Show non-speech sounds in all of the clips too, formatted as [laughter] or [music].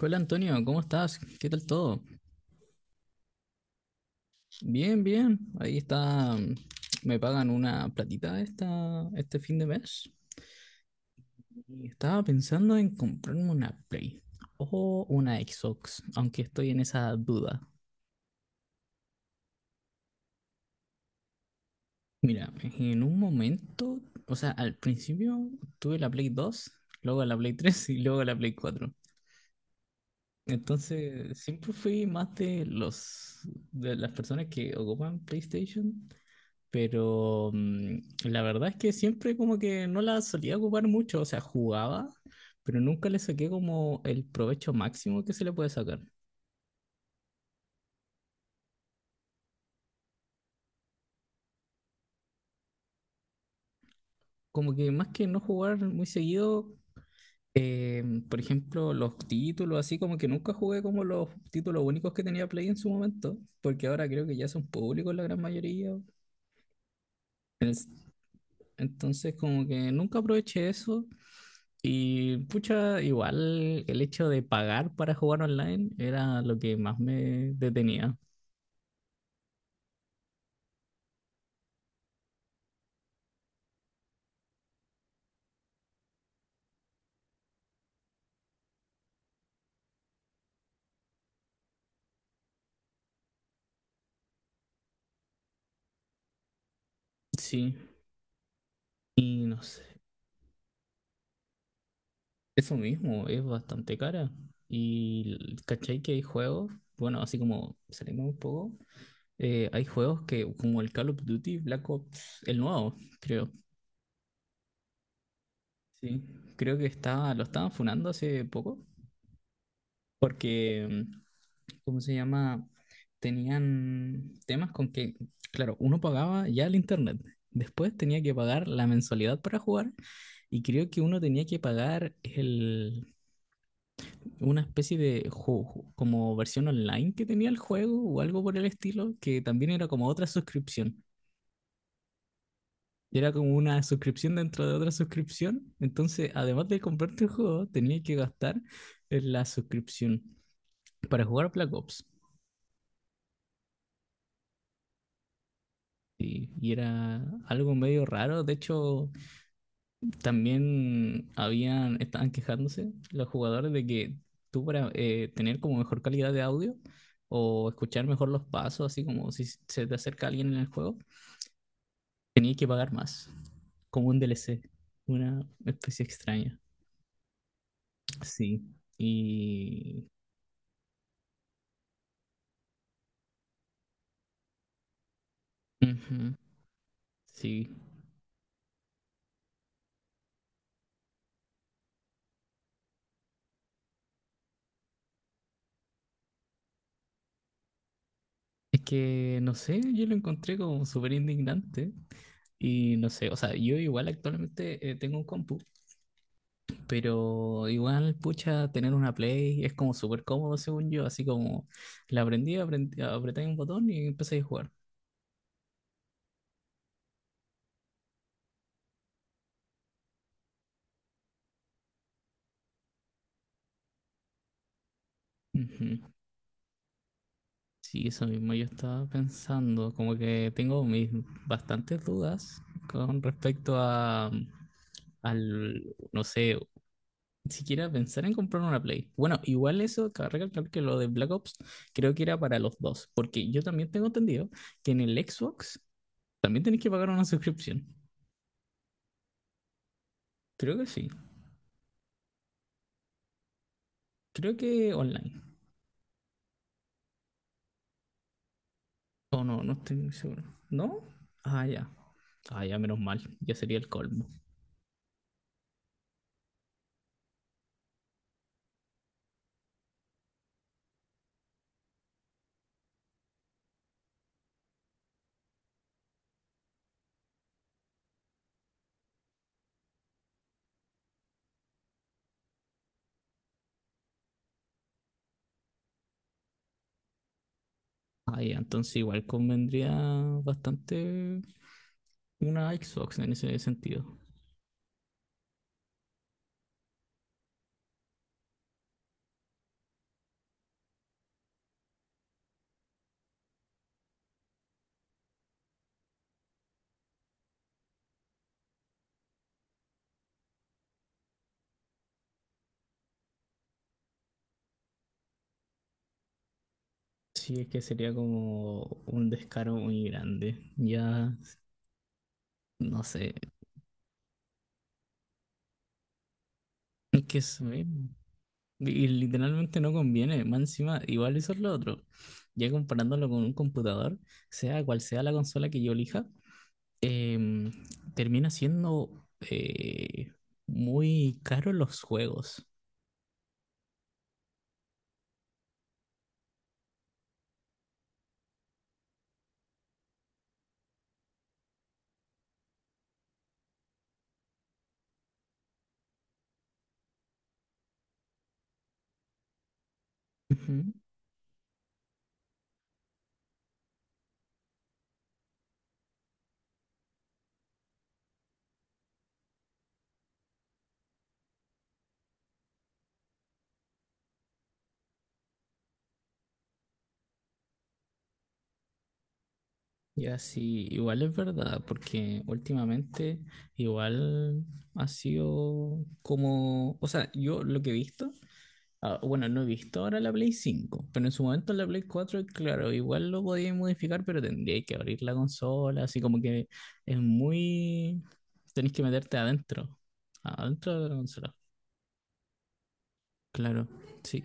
Hola Antonio, ¿cómo estás? ¿Qué tal todo? Bien, bien. Ahí está. Me pagan una platita este fin de mes. Y estaba pensando en comprarme una Play o una Xbox, aunque estoy en esa duda. Mira, en un momento, o sea, al principio tuve la Play 2, luego la Play 3 y luego la Play 4. Entonces, siempre fui más de los de las personas que ocupan PlayStation, pero la verdad es que siempre como que no la solía ocupar mucho, o sea, jugaba, pero nunca le saqué como el provecho máximo que se le puede sacar. Como que más que no jugar muy seguido, eh, por ejemplo, los títulos, así como que nunca jugué como los títulos únicos que tenía Play en su momento, porque ahora creo que ya son públicos la gran mayoría. Entonces, como que nunca aproveché eso. Y pucha, igual el hecho de pagar para jugar online era lo que más me detenía. Sí, y no sé, eso mismo es bastante cara. Y cachai que hay juegos, bueno, así como salimos un poco, hay juegos que, como el Call of Duty Black Ops, el nuevo, creo. Sí, creo que está, lo estaban funando hace poco, porque ¿cómo se llama? Tenían temas con que, claro, uno pagaba ya el internet, después tenía que pagar la mensualidad para jugar y creo que uno tenía que pagar una especie de juego, como versión online que tenía el juego o algo por el estilo, que también era como otra suscripción. Era como una suscripción dentro de otra suscripción. Entonces, además de comprarte el juego, tenía que gastar en la suscripción para jugar Black Ops. Sí, y era algo medio raro. De hecho, también estaban quejándose los jugadores de que tú para tener como mejor calidad de audio o escuchar mejor los pasos, así como si se te acerca alguien en el juego, tenías que pagar más, como un DLC, una especie extraña. Sí, y. Ujú. Sí, es que no sé, yo lo encontré como súper indignante. Y no sé, o sea, yo igual actualmente tengo un compu. Pero igual, pucha, tener una Play es como súper cómodo, según yo. Así como apreté un botón y empecé a jugar. Ujú. Sí, eso mismo yo estaba pensando. Como que tengo mis bastantes dudas con respecto al, no sé, siquiera pensar en comprar una Play. Bueno, igual eso, cabe recalcar que lo de Black Ops creo que era para los dos, porque yo también tengo entendido que en el Xbox también tenés que pagar una suscripción. Creo que sí. Creo que online. O no estoy muy seguro. ¿No? Ah, ya. Ah, ya, menos mal. Ya sería el colmo. Ah, ya, entonces igual convendría bastante una Xbox en ese sentido. Sí, es que sería como un descaro muy grande. Ya, no sé. Es que bueno, y literalmente no conviene. Más encima, igual eso es lo otro. Ya comparándolo con un computador, sea cual sea la consola que yo elija, em, termina siendo eh, muy caro los juegos. Ujú. Ya sí, igual es verdad, porque últimamente igual ha sido como, o sea, yo lo que he visto, ah, bueno, no he visto ahora la Play 5, pero en su momento la Play 4, claro, igual lo podía modificar, pero tendría que abrir la consola, así como que es muy, tenés que meterte adentro, de la consola, claro, sí.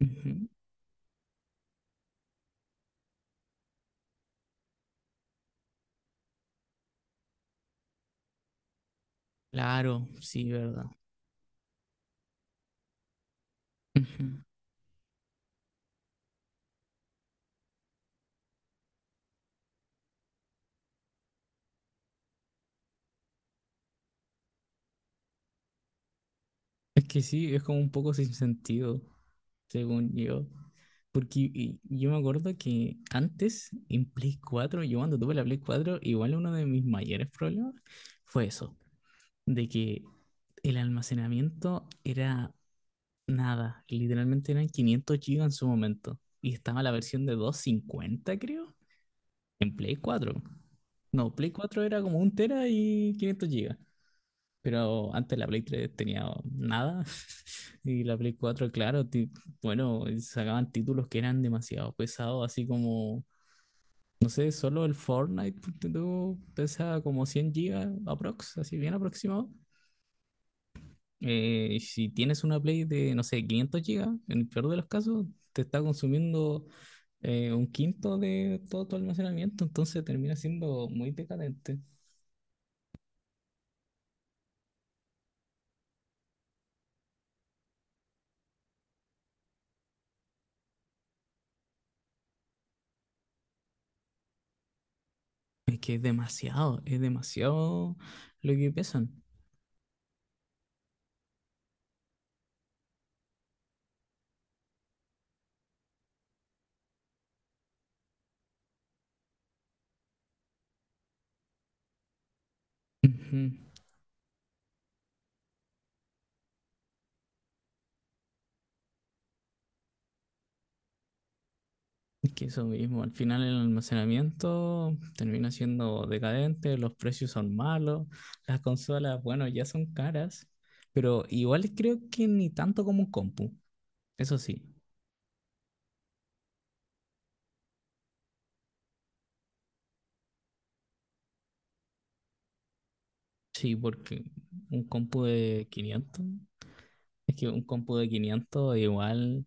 Ujú. Claro, sí, verdad. Ujú. Es que sí, es como un poco sin sentido, según yo. Porque yo me acuerdo que antes, en Play 4, yo cuando tuve la Play 4, igual uno de mis mayores problemas fue eso, de que el almacenamiento era nada, literalmente eran 500 GB en su momento, y estaba la versión de 250, creo, en Play 4. No, Play 4 era como un tera y 500 GB. Pero antes la Play 3 tenía nada [laughs] y la Play 4, claro, bueno, sacaban títulos que eran demasiado pesados, así como, no sé, solo el Fortnite ponte tú, pesa como 100 gigas aprox, así bien aproximado. Y si tienes una Play de, no sé, 500 gigas, en el peor de los casos, te está consumiendo un quinto de todo tu almacenamiento, entonces termina siendo muy decadente. Es que es demasiado lo que pesan. Ujú. Es que eso mismo, al final el almacenamiento termina siendo decadente, los precios son malos, las consolas, bueno, ya son caras, pero igual creo que ni tanto como un compu, eso sí, sí, porque un compu de 500 es que un compu de 500 igual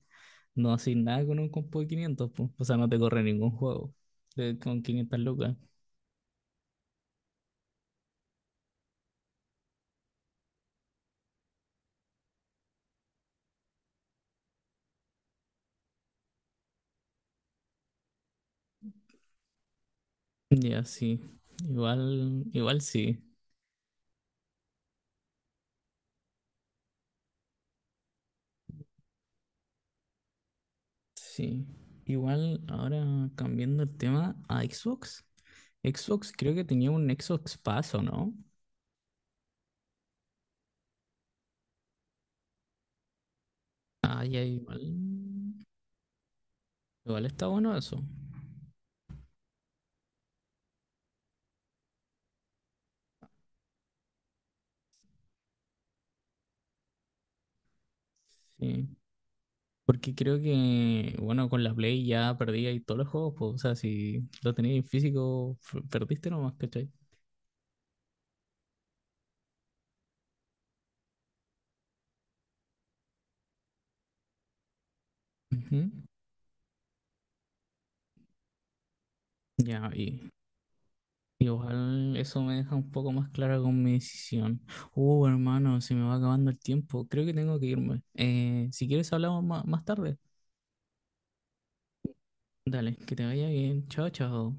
no haces nada con un compu de 500 pues, o sea, no te corre ningún juego con 500 lucas. Ya, sí, igual sí. Sí, igual ahora cambiando el tema a Xbox. Xbox creo que tenía un Xbox Pass, ¿o no? Ah, ya igual. Igual está bueno eso. Sí. Porque creo que, bueno, con la Play ya perdí ahí todos los juegos, pues, o sea, si lo tenías en físico, perdiste nomás, ¿cachai? Ujú. Ya, y igual eso me deja un poco más clara con mi decisión. Hermano, se me va acabando el tiempo. Creo que tengo que irme. Si quieres hablamos más tarde. Dale, que te vaya bien. Chao, chao.